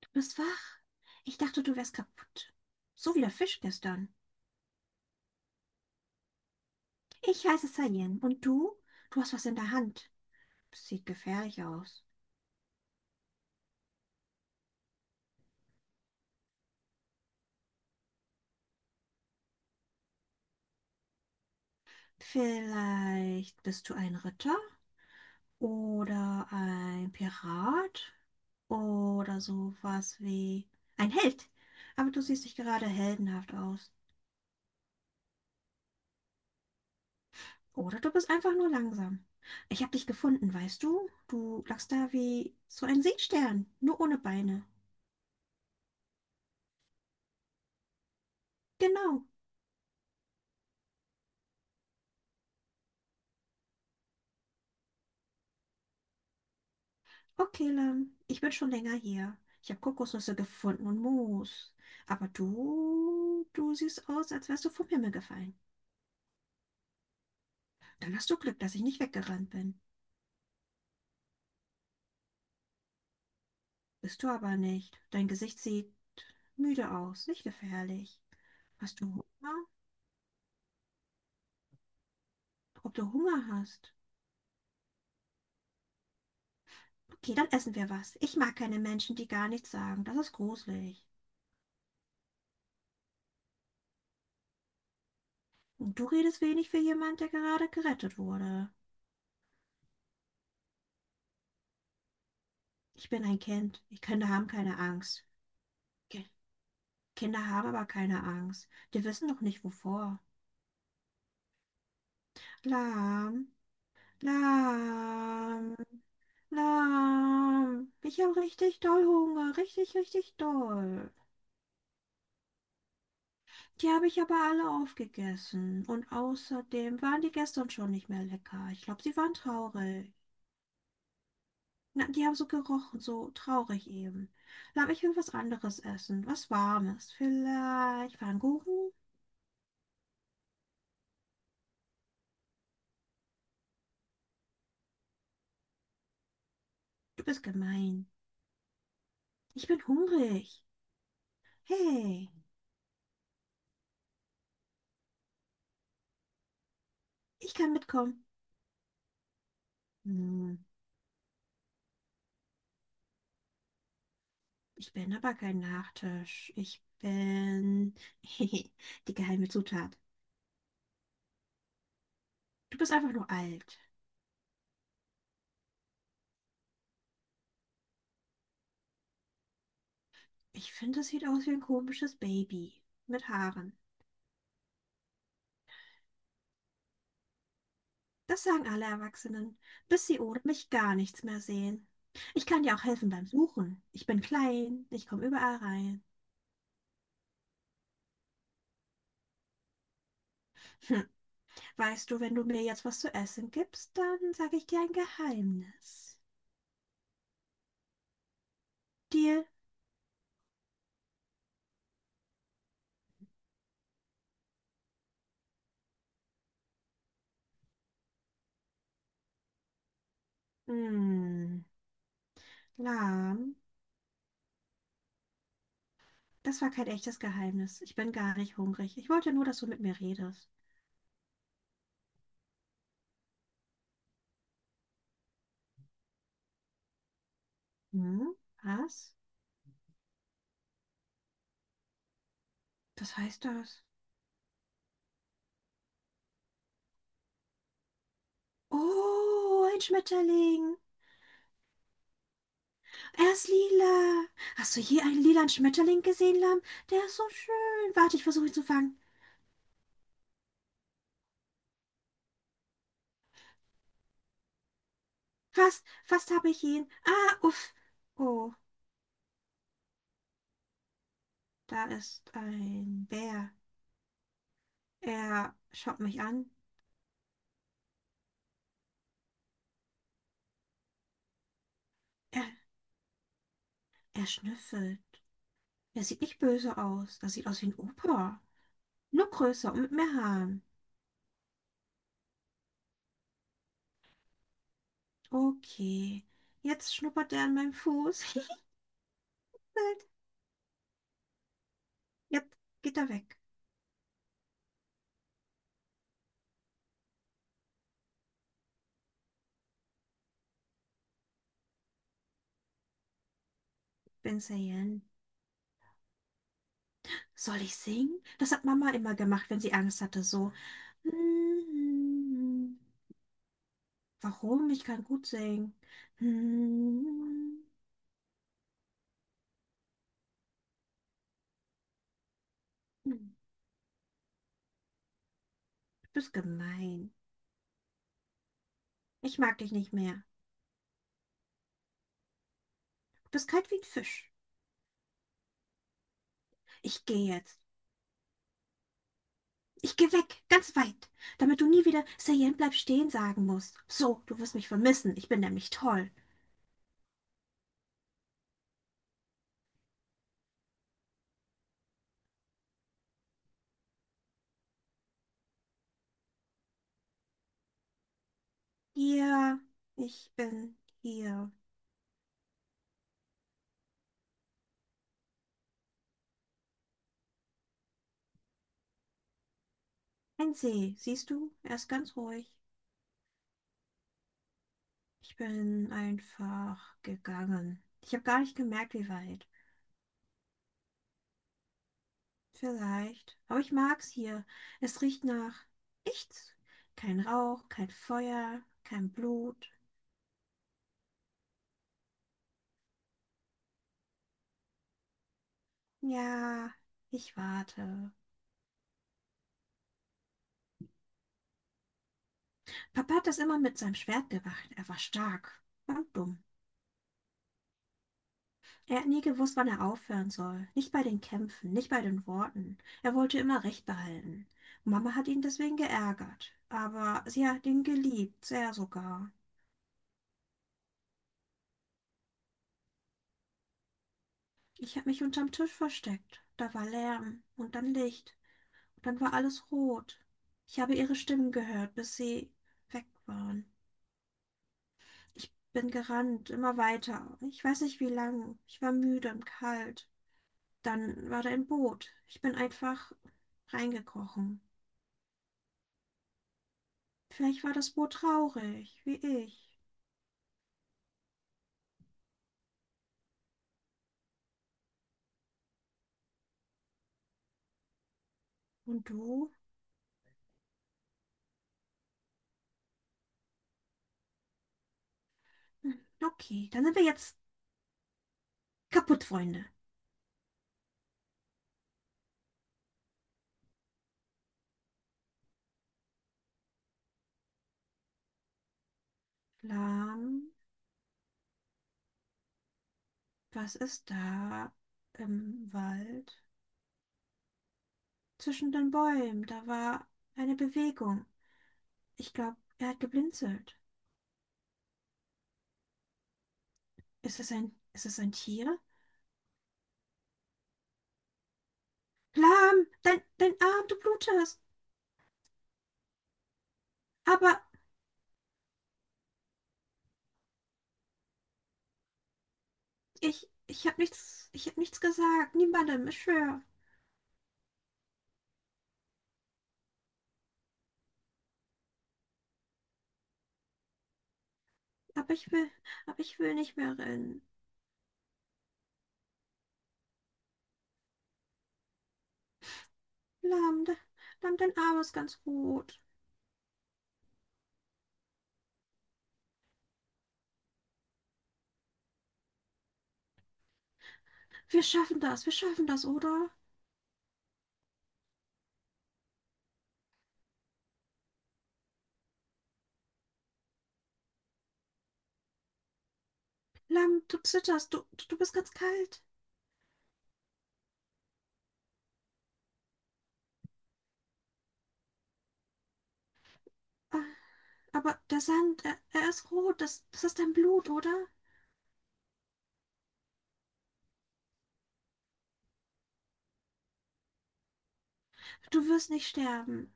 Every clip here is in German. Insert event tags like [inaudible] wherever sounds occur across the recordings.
Du bist wach? Ich dachte, du wärst kaputt. So wie der Fisch gestern. Ich heiße Sayen. Und du? Du hast was in der Hand. Sieht gefährlich aus. Vielleicht bist du ein Ritter oder ein Pirat oder sowas wie ein Held. Aber du siehst nicht gerade heldenhaft aus. Oder du bist einfach nur langsam. Ich habe dich gefunden, weißt du? Du lagst da wie so ein Seestern, nur ohne Beine. Genau. Okay, Lam, ich bin schon länger hier. Ich habe Kokosnüsse gefunden und Moos. Aber du siehst aus, als wärst du vom Himmel gefallen. Dann hast du Glück, dass ich nicht weggerannt bin. Bist du aber nicht. Dein Gesicht sieht müde aus, nicht gefährlich. Hast du Hunger? Ob du Hunger hast? Okay, dann essen wir was. Ich mag keine Menschen, die gar nichts sagen. Das ist gruselig. Und du redest wenig für jemand, der gerade gerettet wurde. Ich bin ein Kind. Ich Kinder haben keine Angst. Okay. Kinder haben aber keine Angst. Die wissen doch nicht wovor. Lahm, lahm, lahm. Ich habe richtig doll Hunger, richtig, richtig doll. Die habe ich aber alle aufgegessen. Und außerdem waren die gestern schon nicht mehr lecker. Ich glaube, sie waren traurig. Na, die haben so gerochen, so traurig eben. Lahm, ich will was anderes essen, was Warmes. Vielleicht Pfannkuchen? Du bist gemein. Ich bin hungrig. Hey, ich kann mitkommen. Hm. Ich bin aber kein Nachtisch. Ich bin [laughs] die geheime Zutat. Du bist einfach nur alt. Ich finde, es sieht aus wie ein komisches Baby mit Haaren. Das sagen alle Erwachsenen, bis sie ohne mich gar nichts mehr sehen. Ich kann dir auch helfen beim Suchen. Ich bin klein, ich komme überall rein. Hm. Weißt du, wenn du mir jetzt was zu essen gibst, dann sage ich dir ein Geheimnis. Deal? Hm, lahm. Das war kein echtes Geheimnis. Ich bin gar nicht hungrig. Ich wollte nur, dass du mit mir redest. Hm? Was? Was heißt das? Oh, ein Schmetterling. Er ist lila. Hast du je einen lilanen Schmetterling gesehen, Lamm? Der ist so schön. Warte, ich versuche ihn zu fangen. Fast, fast habe ich ihn. Ah, uff. Oh, da ist ein Bär. Er schaut mich an. Er, er schnüffelt. Er sieht nicht böse aus. Er sieht aus wie ein Opa. Nur größer und mit mehr Haaren. Okay. Jetzt schnuppert er an meinem Fuß. [laughs] Halt. Jetzt geht er weg, Ben Sayen. Soll ich singen? Das hat Mama immer gemacht, wenn sie Angst hatte, so. Warum? Ich kann gut singen. Du bist gemein. Ich mag dich nicht mehr. Du bist kalt wie ein Fisch. Ich gehe jetzt. Ich gehe weg, ganz weit, damit du nie wieder Sayen bleib stehen sagen musst. So, du wirst mich vermissen. Ich bin nämlich toll. Hier, ich bin hier. Ein See, siehst du? Er ist ganz ruhig. Ich bin einfach gegangen. Ich habe gar nicht gemerkt, wie weit. Vielleicht. Aber ich mag's hier. Es riecht nach nichts. Kein Rauch, kein Feuer, kein Blut. Ja, ich warte. Papa hat das immer mit seinem Schwert gemacht. Er war stark und dumm. Er hat nie gewusst, wann er aufhören soll. Nicht bei den Kämpfen, nicht bei den Worten. Er wollte immer Recht behalten. Mama hat ihn deswegen geärgert. Aber sie hat ihn geliebt, sehr sogar. Ich habe mich unterm Tisch versteckt. Da war Lärm und dann Licht. Und dann war alles rot. Ich habe ihre Stimmen gehört, bis sie weg waren. Ich bin gerannt, immer weiter. Ich weiß nicht wie lang. Ich war müde und kalt. Dann war da ein Boot. Ich bin einfach reingekrochen. Vielleicht war das Boot traurig, wie ich. Und du? Hm. Okay, dann sind wir jetzt kaputt, Freunde. Lahm, was ist da im Wald? Zwischen den Bäumen, da war eine Bewegung. Ich glaube, er hat geblinzelt. Ist es ein Tier? Lahm, dein Arm, du blutest. Aber ich habe nichts gesagt. Niemandem, ich schwör. Aber ich will, aber ich will nicht mehr rennen. Lahm, Lahm, dein Arm ist ganz rot. Wir schaffen das, oder? Lam, du zitterst, du bist ganz kalt. Ah, aber der Sand, er ist rot, das ist dein Blut, oder? Du wirst nicht sterben.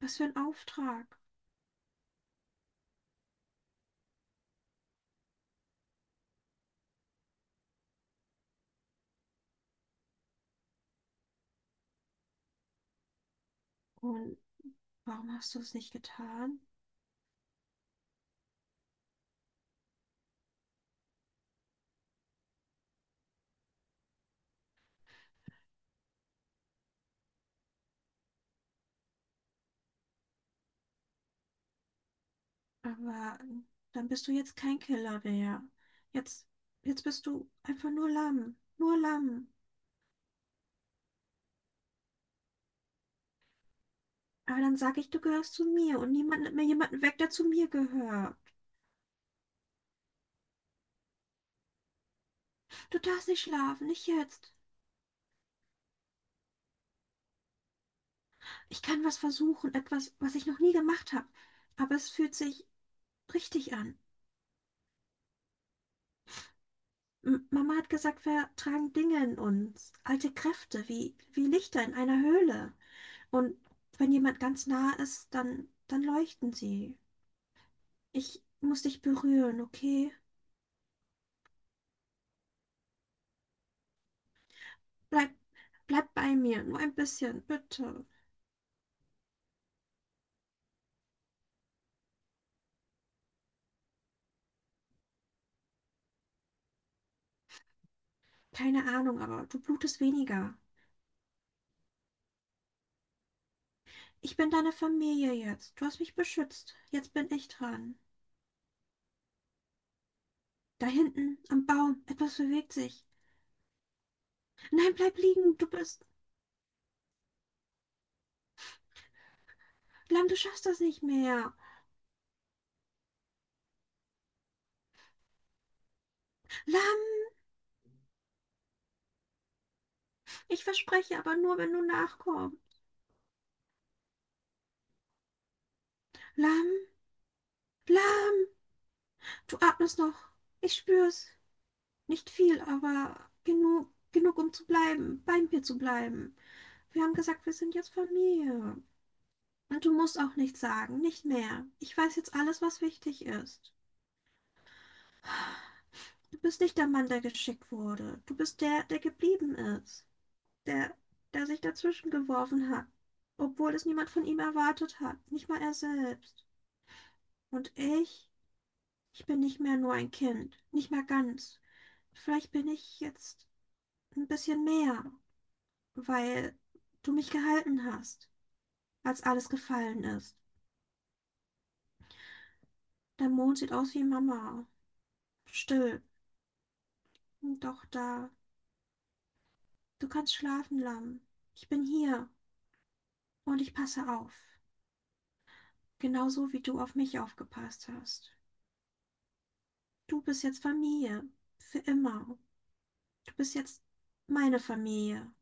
Was für ein Auftrag. Und warum hast du es nicht getan? Aber dann bist du jetzt kein Killer mehr. Jetzt, jetzt bist du einfach nur Lamm, nur Lamm. Aber dann sage ich, du gehörst zu mir und niemand nimmt mir jemanden weg, der zu mir gehört. Du darfst nicht schlafen, nicht jetzt. Ich kann was versuchen, etwas, was ich noch nie gemacht habe, aber es fühlt sich richtig an. M Mama hat gesagt, wir tragen Dinge in uns, alte Kräfte, wie Lichter in einer Höhle. Und wenn jemand ganz nah ist, dann leuchten sie. Ich muss dich berühren, okay? Bleib, bleib bei mir, nur ein bisschen, bitte. Keine Ahnung, aber du blutest weniger. Ich bin deine Familie jetzt. Du hast mich beschützt. Jetzt bin ich dran. Da hinten am Baum, etwas bewegt sich. Nein, bleib liegen, du bist. Lamm, du schaffst das nicht mehr. Lamm, ich verspreche, aber nur, wenn du nachkommst. Lamm, Lamm, du atmest noch. Ich spür's. Nicht viel, aber genug, genug, um zu bleiben, bei mir zu bleiben. Wir haben gesagt, wir sind jetzt Familie. Und du musst auch nichts sagen, nicht mehr. Ich weiß jetzt alles, was wichtig ist. Du bist nicht der Mann, der geschickt wurde. Du bist der, der geblieben ist. der, der sich dazwischen geworfen hat, obwohl es niemand von ihm erwartet hat, nicht mal er selbst. Und ich bin nicht mehr nur ein Kind, nicht mehr ganz. Vielleicht bin ich jetzt ein bisschen mehr, weil du mich gehalten hast, als alles gefallen ist. Der Mond sieht aus wie Mama, still, doch da. Du kannst schlafen, Lamm. Ich bin hier und ich passe auf, genauso wie du auf mich aufgepasst hast. Du bist jetzt Familie. Für immer. Du bist jetzt meine Familie.